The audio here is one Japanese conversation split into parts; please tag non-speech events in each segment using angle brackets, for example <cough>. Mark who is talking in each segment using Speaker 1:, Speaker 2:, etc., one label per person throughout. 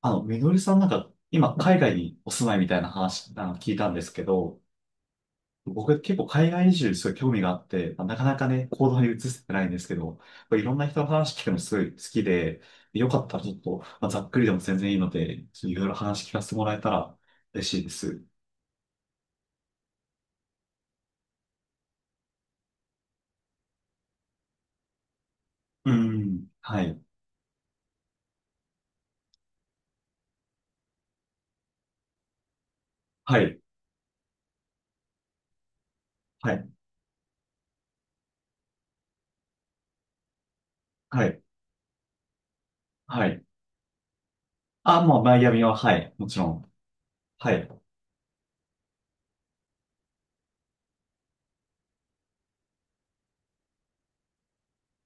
Speaker 1: みのりさんなんか、今、海外にお住まいみたいな話、聞いたんですけど、僕結構海外移住にすごい興味があって、まあなかなかね、行動に移せてないんですけど、これいろんな人の話聞くのすごい好きで、よかったらちょっと、まあ、ざっくりでも全然いいので、ちょっといろいろ話聞かせてもらえたら嬉しいです。うん。はい。はい。はい。はい。はい。あ、もうマイアミは、はい。もちろん。はい。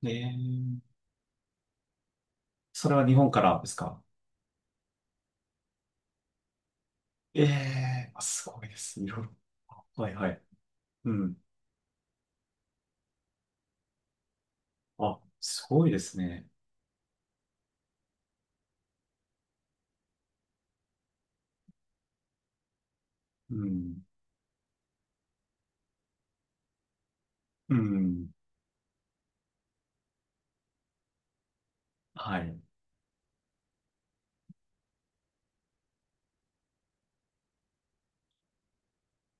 Speaker 1: えー、それは日本からですか？ええー、あすごいです。いろいろ。はいはい。うん。あ、すごいですね。うん。うん。はい。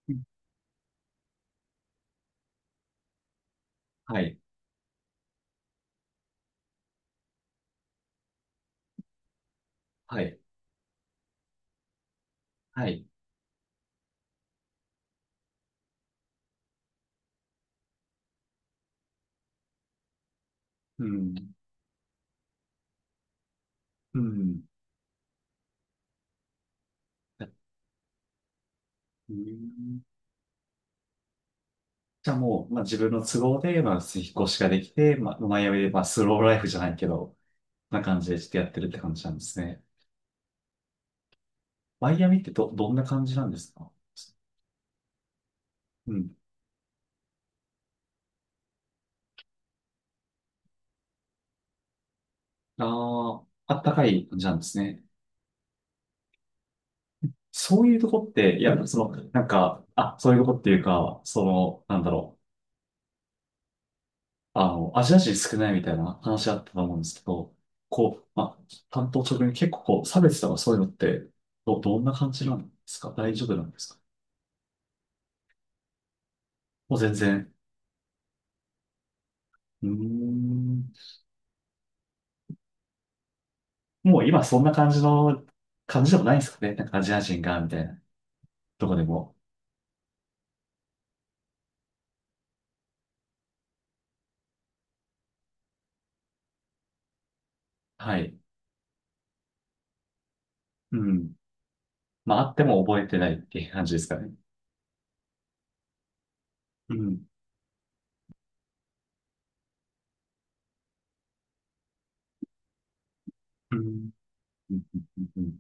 Speaker 1: うんはい。はい。はい。うん。うん。だうんじゃあもう、まあ、自分の都合で、まあ、引っ越しができて、まあ、マイアミで、まあ、スローライフじゃないけど、な感じでしてやってるって感じなんですね。マイアミってど、どんな感じなんですか？うん。ああ、あったかい感じなんですね。そういうとこって、いや、その、なんか、あ、そういうとこっていうか、その、なんだろう。アジア人少ないみたいな話あったと思うんですけど、こう、まあ、担当直入に結構こう、差別とかそういうのって、ど、どんな感じなんですか？大丈夫なんですか？もう全然。うーん。もう今そんな感じの、感じでもないんですかね？なんかアジア人が、みたいな。どこでも。はい。うん。まあ、あっても覚えてないっていう感じですかね。うん。うん。うん。うん。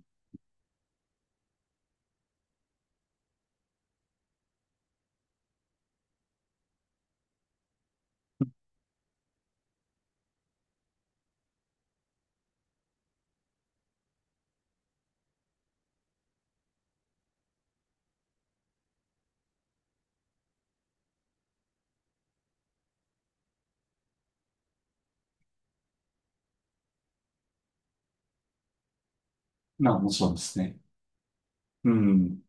Speaker 1: まあ、もちろんですね。うん。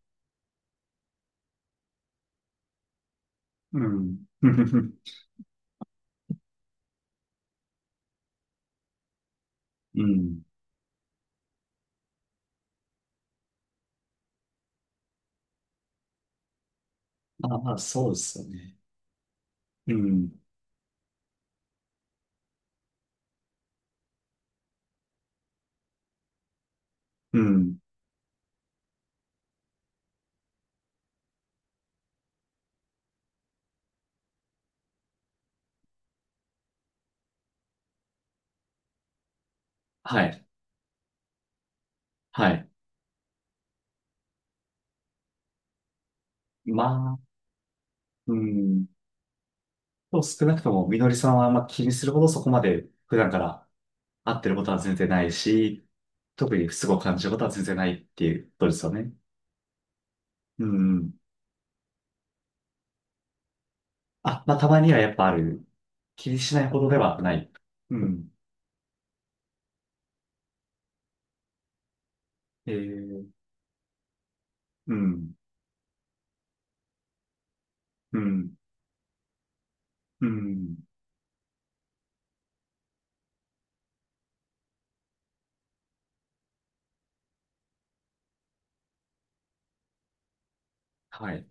Speaker 1: うん。<laughs> うん。まあまあ、そうですよね。うん。うん。はい。はい。まあ、うん。と少なくとも、みのりさんはあんま気にするほどそこまで普段から会ってることは全然ないし、特に不都合を感じることは全然ないっていうことですよね。うん。あ、まあ、たまにはやっぱある。気にしないほどではない。うん。えー、うん。うん。うん。はい。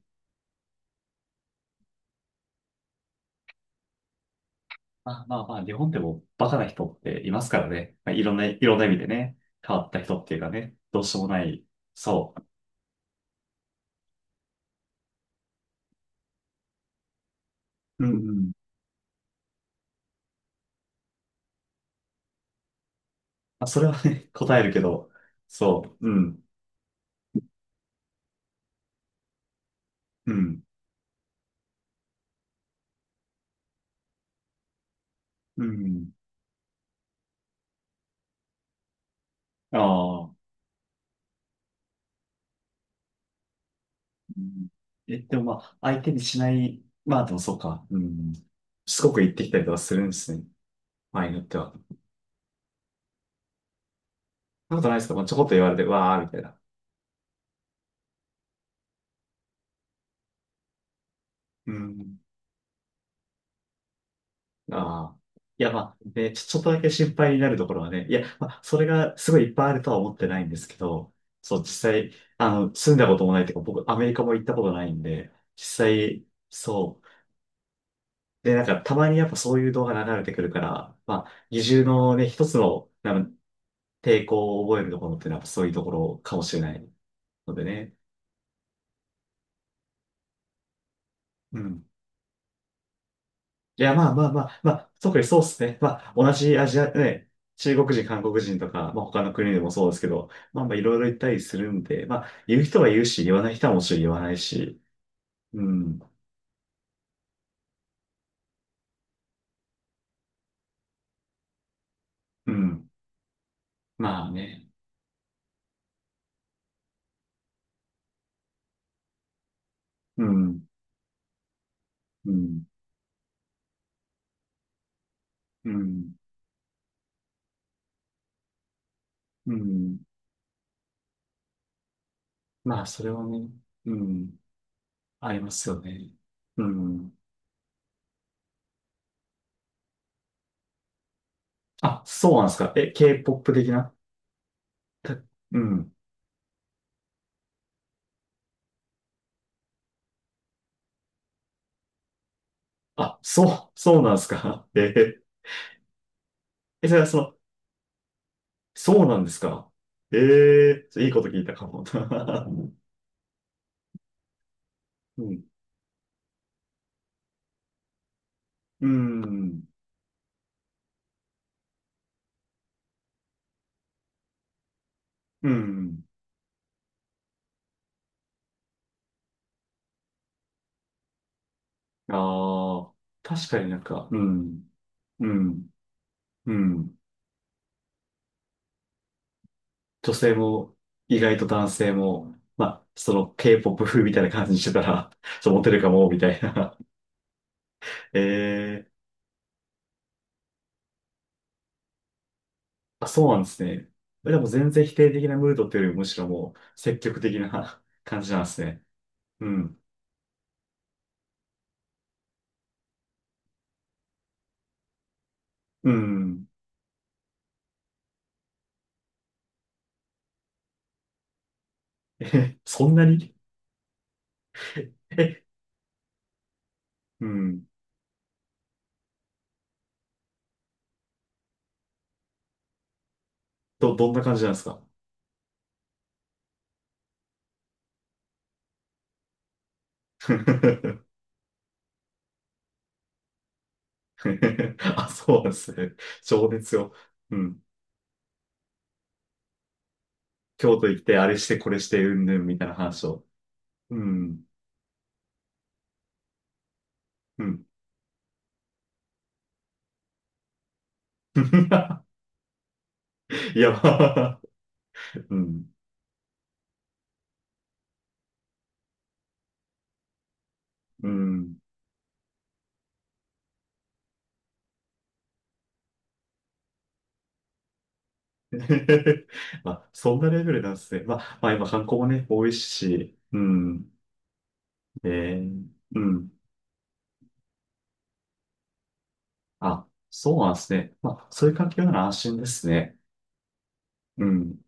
Speaker 1: まあまあまあ、日本でもバカな人っていますからね。まあ、いろんな、いろんな意味でね、変わった人っていうかね、どうしようもない。そう。うんうんあ、それはね、<laughs> 答えるけど、そう、うん、うん、うん、ああ、うん。え、でもまあ、相手にしない、まあでもそうか、うん、しつこく言ってきたりとかするんですね、場合によっては。そんなことないですか、まあ、ちょこっと言われて、わあ、みたいな。うん、ああ。いや、まあ、ね、ちょ、ちょっとだけ心配になるところはね、いや、まあ、それがすごいいっぱいあるとは思ってないんですけど、そう、実際、住んだこともないというか、僕、アメリカも行ったことないんで、実際、そう、で、なんかたまにやっぱそういう動画流れてくるから、まあ、二重のね、一つの、なんか抵抗を覚えるところってのはやっぱそういうところかもしれないのでね。うん。いや、まあまあまあ、まあ、特にそうですね。まあ、同じアジア、ね、中国人、韓国人とか、まあ他の国でもそうですけど、まあまあいろいろ言ったりするんで、まあ、言う人は言うし、言わない人はもちろん言わないし、うん、うん、まあね、うん、うん、うん、うん、まあそれはね、うん。ありますよね。うん。あ、そうなんですか。え、K-POP 的なたうん。あ、そう、そうなんですか。<laughs> えー、え、それはその、そうなんですか。ええーいいこと聞いたかも。<laughs> うん。うん。うん。ああ、確かになんか、うん。うん。うん。女性も、意外と男性も、まあ、その K-POP 風みたいな感じにしてたら、そう、モテるかも、みたいな。<laughs> ええあ、そうなんですね。えでも全然否定的なムードっていうよりもむしろもう積極的な <laughs> 感じなんですね。うん。うん。え、そんなに？ <laughs> え、うん。ど、どんな感じなんですか？ <laughs> あ、そうなんですね。情熱を。うん。京都行って、あれして、これして、うんぬんみたいな話を。うん。うん。<laughs> いや、まあ、うん。うん。<laughs> まあ、そんなレベルなんですね。まあ、まあ今観光もね、多いし、うん。ねえー、うん。あ、そうなんですね。まあ、そういう環境なら安心ですね。うん。